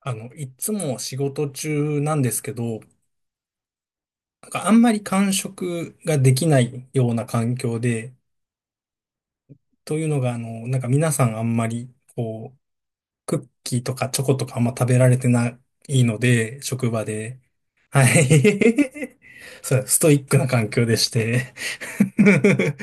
いつも仕事中なんですけど、なんかあんまり間食ができないような環境で、というのが、なんか皆さんあんまり、こう、クッキーとかチョコとかあんま食べられてないので、職場で。はい。そう、ストイックな環境でして。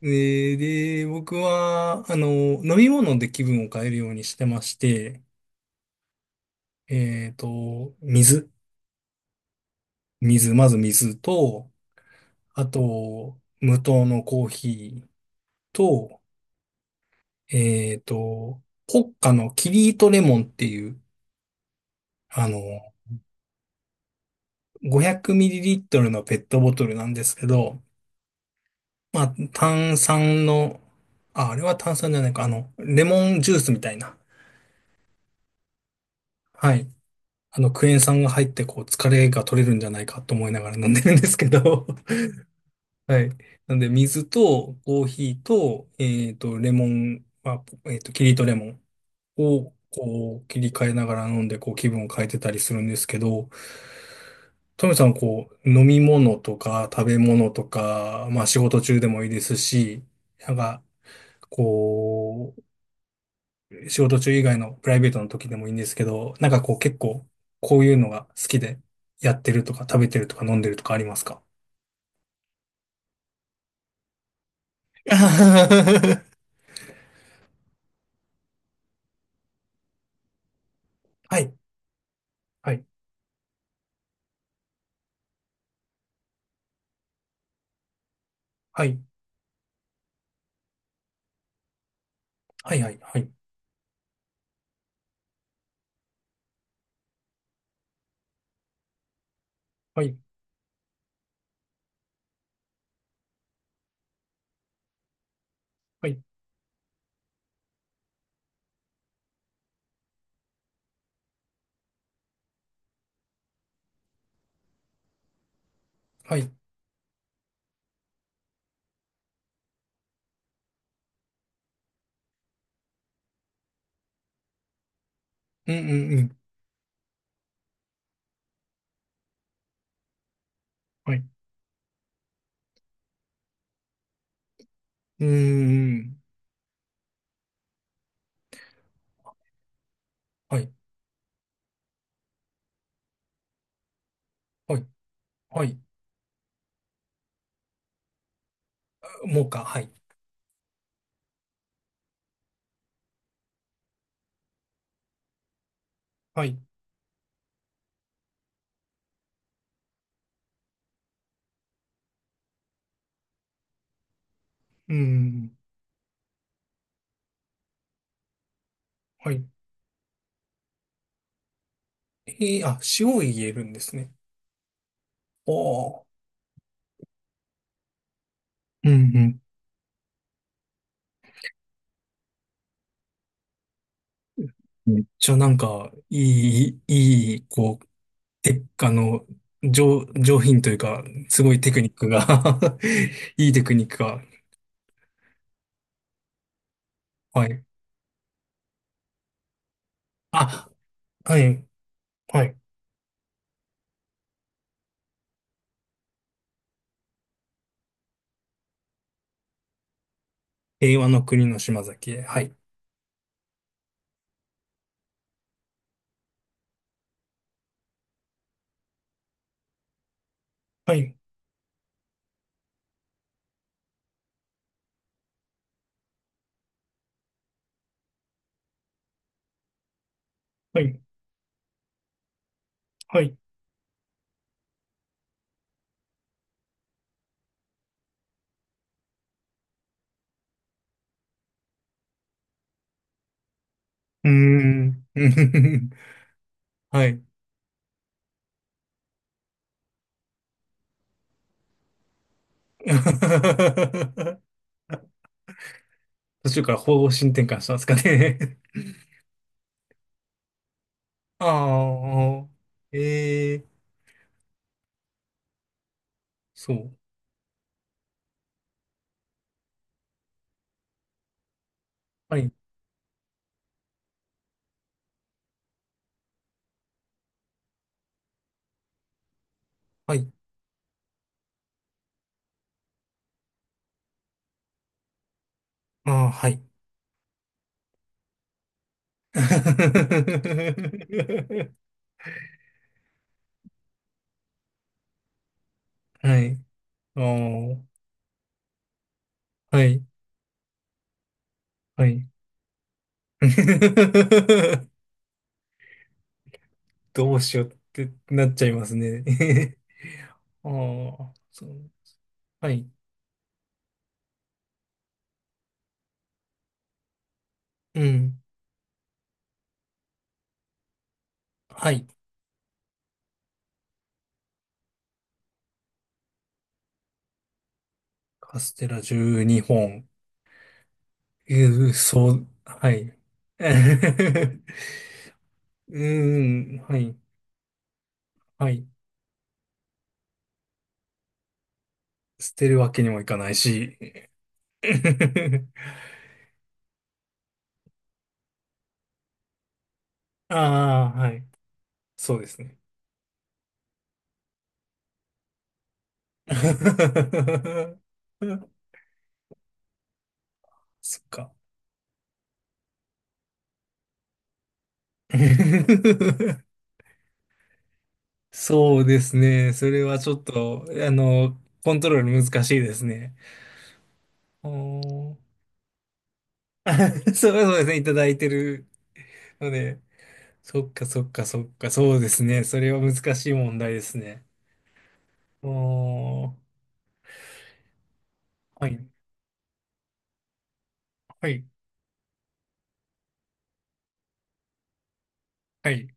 で、僕は、飲み物で気分を変えるようにしてまして、水。水、まず水と、あと、無糖のコーヒーと、えっと、ポッカのキリートレモンっていう、あの、500ml のペットボトルなんですけど、まあ、炭酸の、あ、あれは炭酸じゃないか、レモンジュースみたいな。はい。クエン酸が入って、こう、疲れが取れるんじゃないかと思いながら飲んでるんですけど、はい。なんで、水と、コーヒーと、レモン、まあ、キリートレモン。をこう切り替えながら飲んでこう気分を変えてたりするんですけど、トミさんこう飲み物とか食べ物とか、まあ仕事中でもいいですし、なんかこう仕事中以外のプライベートの時でもいいんですけど、なんかこう結構こういうのが好きでやってるとか食べてるとか飲んでるとかありますか？ はい、はい、はい、はい、はい、はい、はい、はい、はい、うん、うん、うん、はい、うん、うんはい、はい、はい。もうか、はい。はい。うん。はい。えー、あ、塩を入れるんですね。おー。うんうん。めっちゃなんか、いい、いい、こう、て、上品というか、すごいテクニックが。 いいテクニックが。はい。あ、はい。はい。平和の国の島崎へ。はい。はい。はい。はい。うーん。はい。途中から方針転換したんですかね？ああ、ええそう。はい、はい、ああ、はい。はい、ああ、はい、はい。どうしようってなっちゃいますね。ああ、そう。はい、うん、はい。カステラ12本。うー、そう、はい。うーん、はい、はい。捨てるわけにもいかないし。ああ、はい。そうですね。そっか。そうですね。それはちょっと、コントロール難しいですね。おー。 そうそうですね。いただいてるので、そっかそっかそっか、そうですね。それは難しい問題ですね。おー、はい、はい、はい、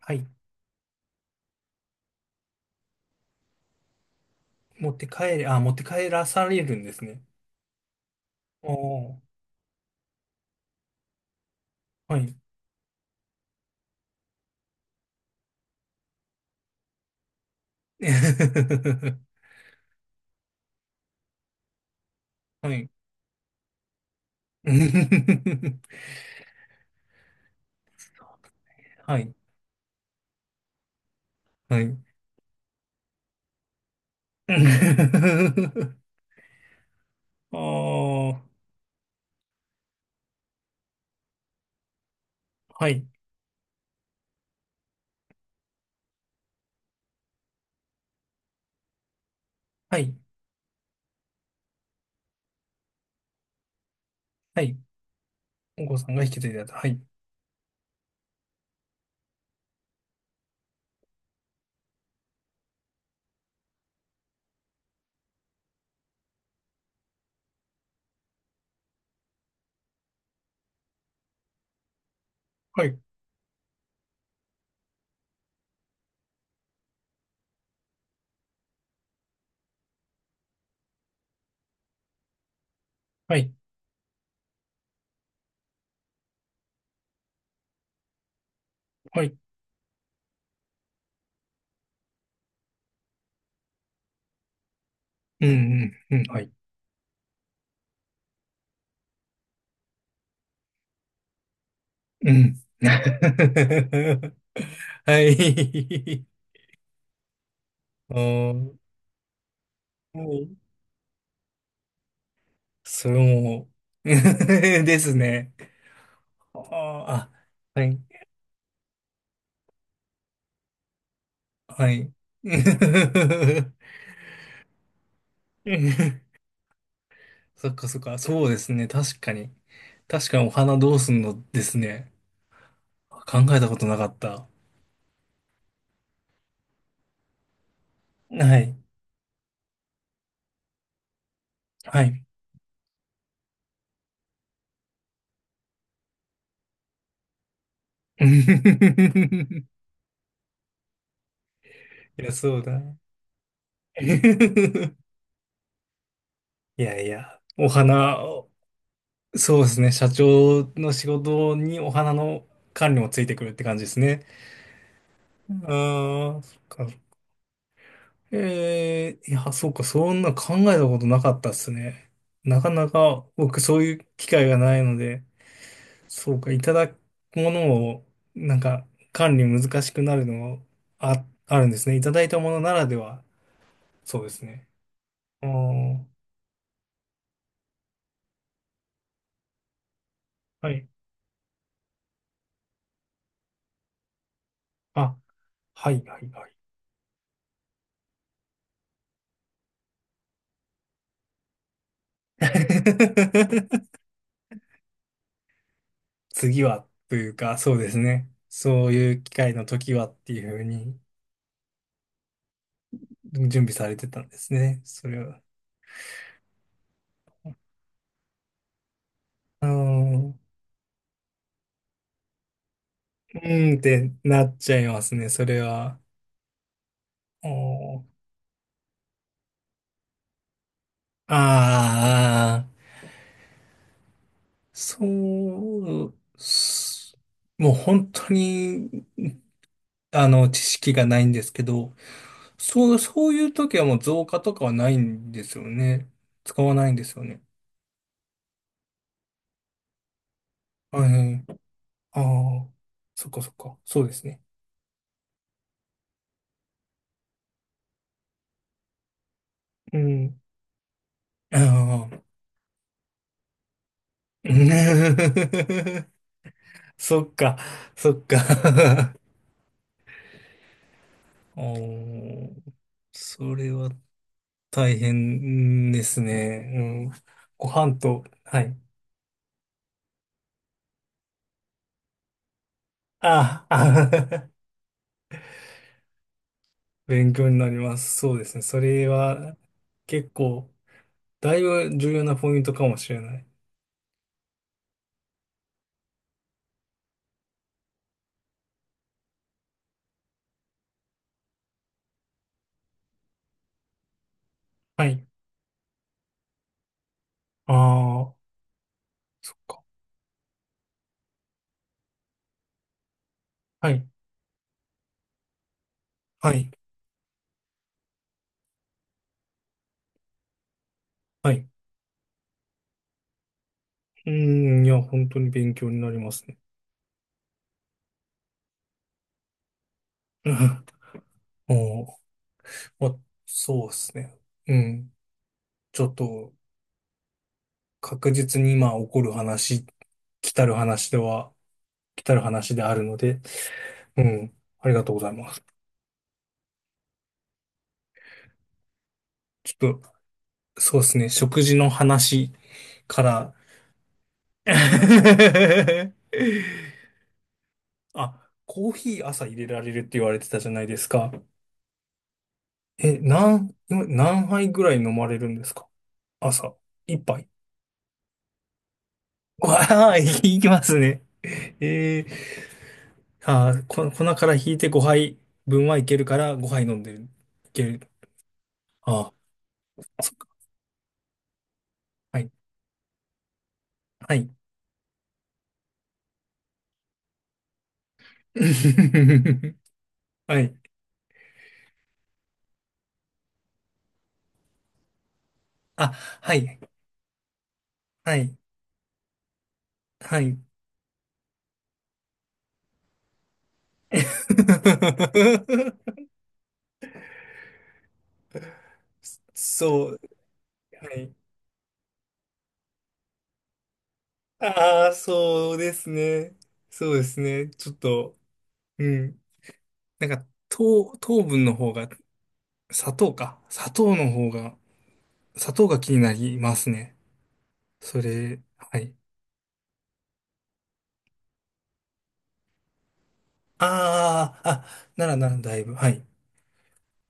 はい。持って帰れ、あ、持って帰らされるんですね。おー、はい。はい。はい、はい。ああ、はい、はい、はい。お子さんが引き継いだやつ。はい、はい、はい、はい。うん、うん、うん、はい。うん。はい。あーはい。それも、ですね。あーあ、はい、はい。そっかそっか、そうですね。確かに。確かにお花どうすんのですね。考えたことなかった。はい。はい。いや、そうだ。いやいや、お花、そうですね。社長の仕事にお花の管理もついてくるって感じですね。ああ、そっか。ええいや、そうか、そんな考えたことなかったっすね。なかなか僕そういう機会がないので。そうか、いただくものを、なんか、管理難しくなるのもあ、あるんですね。いただいたものならでは、そうですね。あーはい。あ、はい、はい、はい。次は、というか、そうですね。そういう機会の時はっていうふうに準備されてたんですね。それは。うーん、うーんってなっちゃいますね。それは。おーああそう、すもう本当に、知識がないんですけど、そう、そういう時はもう造花とかはないんですよね。使わないんですよね。はい。ああ、そっかそっか。そうですね。うん。ああ。そっか、そっか。おー、それは大変ですね。うん。ご飯と、はい。ああ。ああ勉強になります。そうですね。それは結構、だいぶ重要なポイントかもしれない。はい。ああ、そっか。はい。はい。はい。うーん、いや、本当に勉強になりますね。おお、まそうですね。うん。ちょっと、確実に今起こる話、来たる話では、来たる話であるので、うん。ありがとうございます。ちょっと、そうですね。食事の話から、あ、コーヒー朝入れられるって言われてたじゃないですか。え、何、今何杯ぐらい飲まれるんですか朝？一杯。わあ、いきますね。えー、あー、こ、粉から引いて5杯分はいけるから5杯飲んでる。いける。ああ、そっか。はい。はい。はい。あ、はい。はい。はい。そう。はい。ああ、そうですね。そうですね。ちょっと、うん。なんか、糖、糖分の方が、砂糖か。砂糖の方が、砂糖が気になりますね。それ、はい。ああ、あ、ならならだいぶ、はい。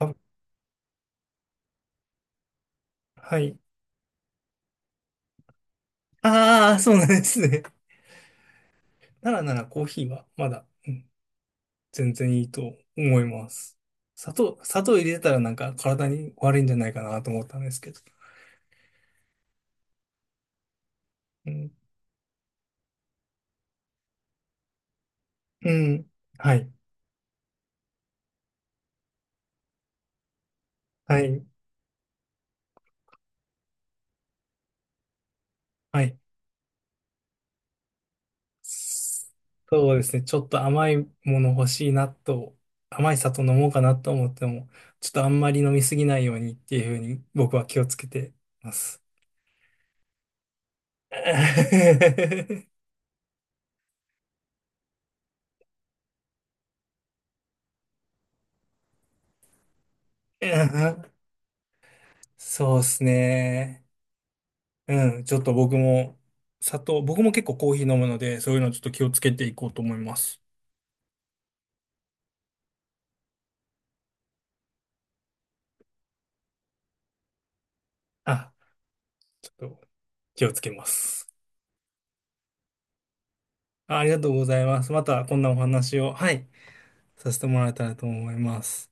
あ、はい。ああ、そうなんですね。ならならコーヒーは、まだ、うん、全然いいと思います。砂糖、砂糖入れてたらなんか体に悪いんじゃないかなと思ったんですけど。うん。うん。はい。はい。はい。そうですね。ちょっと甘いもの欲しいなと、甘い砂糖飲もうかなと思っても、ちょっとあんまり飲みすぎないようにっていうふうに僕は気をつけてます。そうですね。うん。ちょっと僕も、砂糖、僕も結構コーヒー飲むので、そういうのちょっと気をつけていこうと思います。あ、ちょっと気をつけます。あありがとうございます。またこんなお話を、はい、させてもらえたらと思います。